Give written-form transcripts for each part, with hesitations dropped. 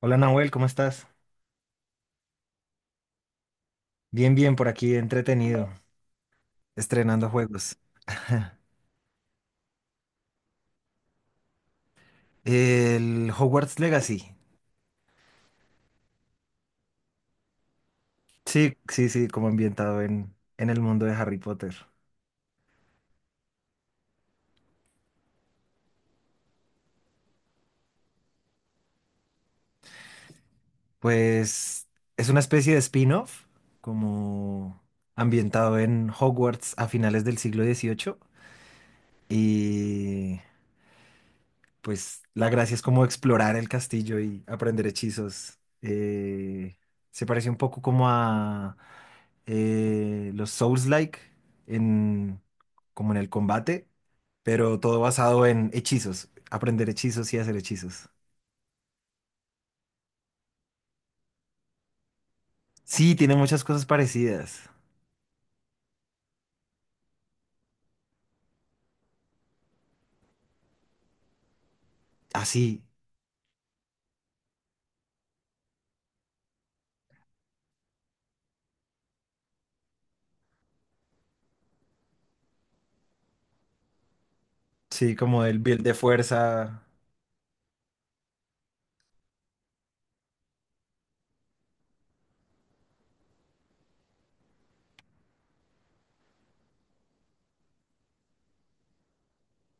Hola Nahuel, ¿cómo estás? Bien, bien, por aquí, entretenido, estrenando juegos. El Hogwarts Legacy. Sí, sí, sí, como ambientado en el mundo de Harry Potter. Pues es una especie de spin-off, como ambientado en Hogwarts a finales del siglo XVIII. Pues la gracia es como explorar el castillo y aprender hechizos. Se parece un poco como a los Souls-like en, como en el combate, pero todo basado en hechizos, aprender hechizos y hacer hechizos. Sí, tiene muchas cosas parecidas. Así, sí, sí, como el build de fuerza.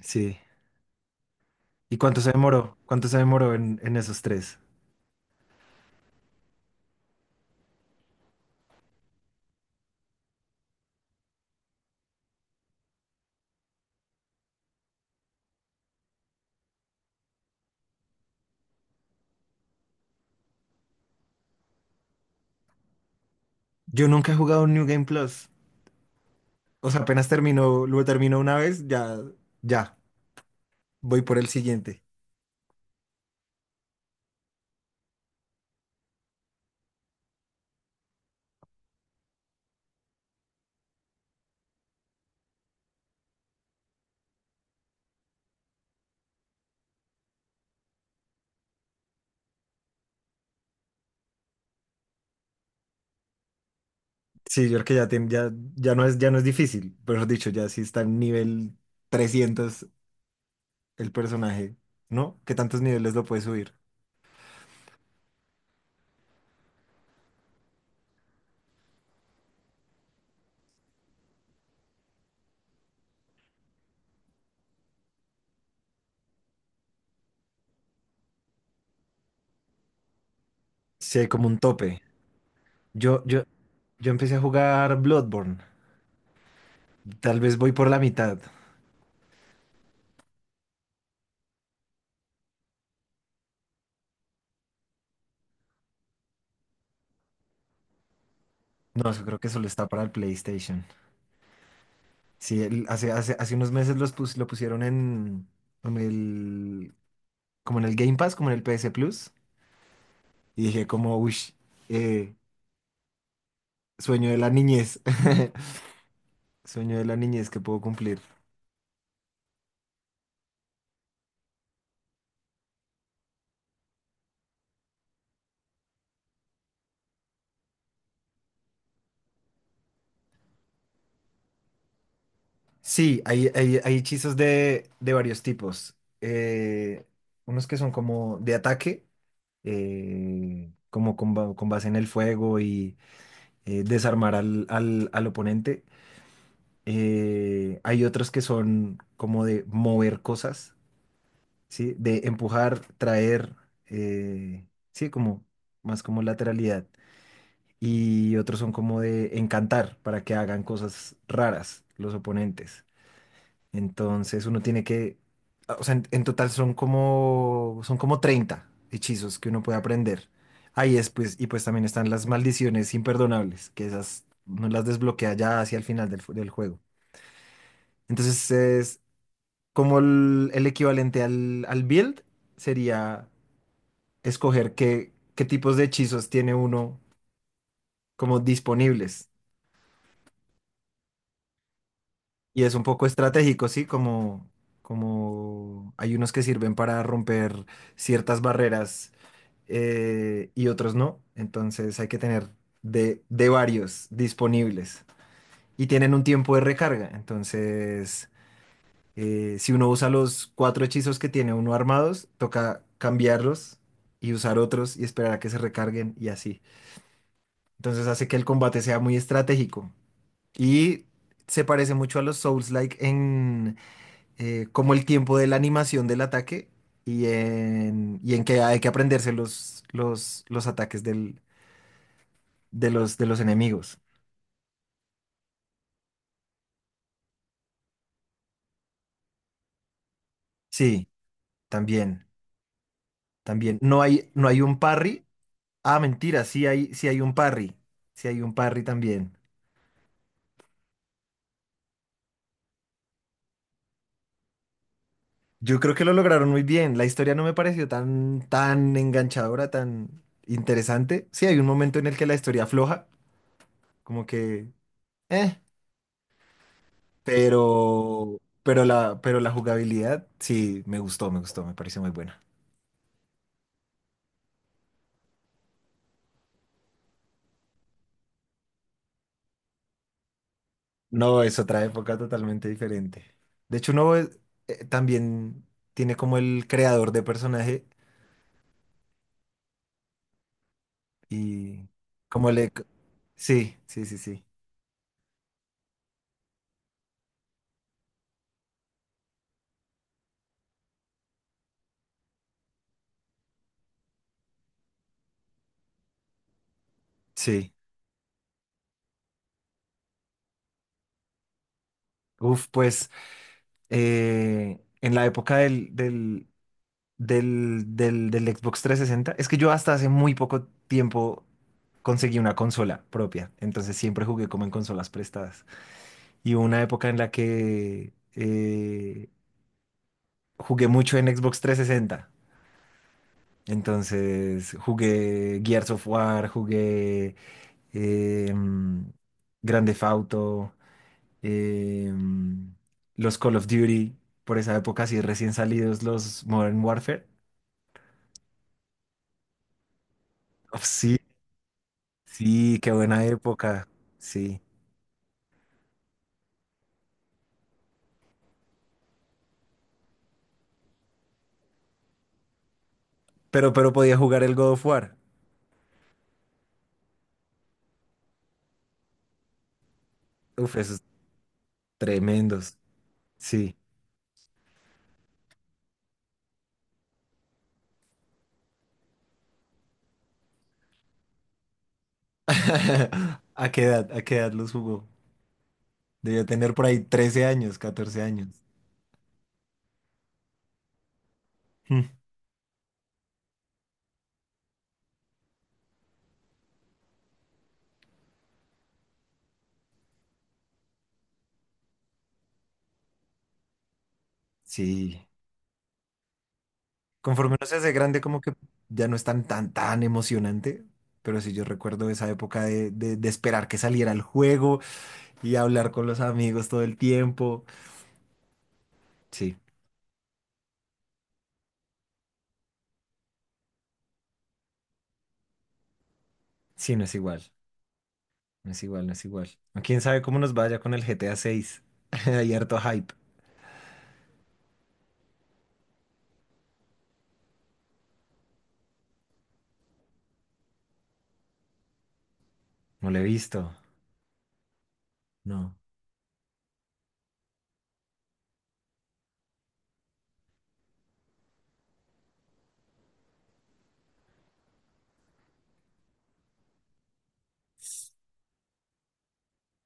Sí. ¿Y cuánto se demoró? ¿Cuánto se demoró en esos tres? Yo nunca he jugado un New Game Plus. O sea, apenas terminó, lo terminó una vez, ya, ya, voy por el siguiente. Sí, yo creo que ya, ya no es difícil, pero dicho, ya sí está en nivel 300 el personaje, ¿no? ¿Qué tantos niveles lo puede subir? Sí, hay como un tope. Yo, yo, yo empecé a jugar Bloodborne. Tal vez voy por la mitad. No, yo creo que solo está para el PlayStation. Sí, hace unos meses lo pusieron en el, como en el Game Pass, como en el PS Plus. Y dije como, uy, eh, sueño de la niñez, sueño de la niñez que puedo cumplir. Sí, hay hechizos de varios tipos. Unos que son como de ataque, como con base en el fuego y desarmar al oponente. Hay otros que son como de mover cosas, ¿sí? De empujar, traer, eh, sí, como más como lateralidad. Y otros son como de encantar para que hagan cosas raras los oponentes. Entonces uno tiene que, o sea, en total son como 30 hechizos que uno puede aprender. Ahí es, pues, y pues también están las maldiciones imperdonables, que esas uno las desbloquea ya hacia el final del juego. Entonces es como el equivalente al build sería escoger qué tipos de hechizos tiene uno como disponibles. Y es un poco estratégico, ¿sí? Como hay unos que sirven para romper ciertas barreras y otros no. Entonces hay que tener de varios disponibles. Y tienen un tiempo de recarga. Entonces, si uno usa los cuatro hechizos que tiene uno armados, toca cambiarlos y usar otros y esperar a que se recarguen y así. Entonces hace que el combate sea muy estratégico. Y se parece mucho a los Souls-like como el tiempo de la animación del ataque y en que hay que aprenderse los ataques de los enemigos. Sí, también, también. No hay un parry. Ah, mentira, sí hay un parry. Sí hay un parry también. Yo creo que lo lograron muy bien. La historia no me pareció tan, tan enganchadora, tan interesante. Sí, hay un momento en el que la historia afloja, como que, eh, pero la jugabilidad sí me gustó, me pareció muy buena. No, es otra época totalmente diferente. De hecho, uno también tiene como el creador de personaje y como le... Sí, sí, sí, sí, sí. Uf, pues en la época del Xbox 360, es que yo hasta hace muy poco tiempo conseguí una consola propia, entonces siempre jugué como en consolas prestadas. Y hubo una época en la que jugué mucho en Xbox 360. Entonces jugué Gears of War, jugué em, Grand Theft Auto, em, los Call of Duty, por esa época, sí, recién salidos los Modern Warfare. Oh, sí, sí, qué buena época, sí. Pero podía jugar el God of War. Uf, esos tremendos, sí. A qué edad los jugó? Debía tener por ahí 13 años, 14 años. Mm. Sí, conforme uno se hace grande, como que ya no es tan, tan, tan emocionante. Pero sí, yo recuerdo esa época de esperar que saliera el juego y hablar con los amigos todo el tiempo. Sí, sí, no es igual. No es igual, no es igual. ¿Quién sabe cómo nos vaya con el GTA 6? Hay harto hype. No lo he visto. No.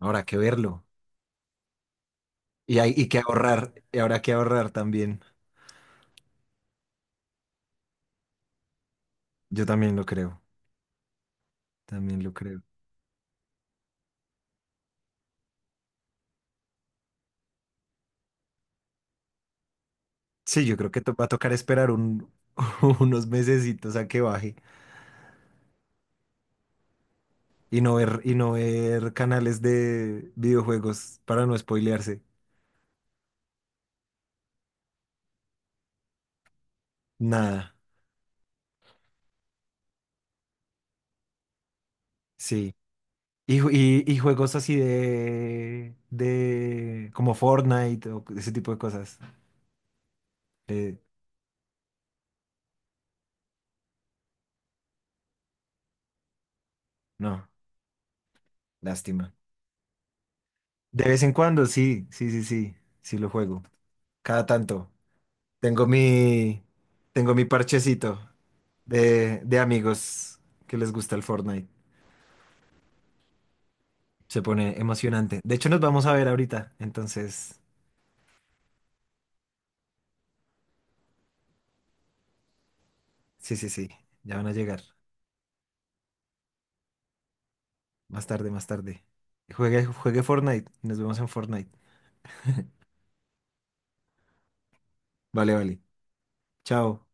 Habrá que verlo. Y hay y que ahorrar. Y habrá que ahorrar también. Yo también lo creo. También lo creo. Sí, yo creo que va a tocar esperar unos mesecitos a que baje y no ver, canales de videojuegos para no spoilearse. Nada, sí. Y juegos así de como Fortnite o ese tipo de cosas. Eh, no, lástima. De vez en cuando, sí, sí, sí, sí, sí lo juego. Cada tanto. Tengo mi, tengo mi parchecito de amigos que les gusta el Fortnite. Se pone emocionante. De hecho, nos vamos a ver ahorita. Entonces, sí, sí, sí. Ya van a llegar. Más tarde, más tarde. Juegue, juegue Fortnite. Nos vemos en Fortnite. Vale, vale. Chao.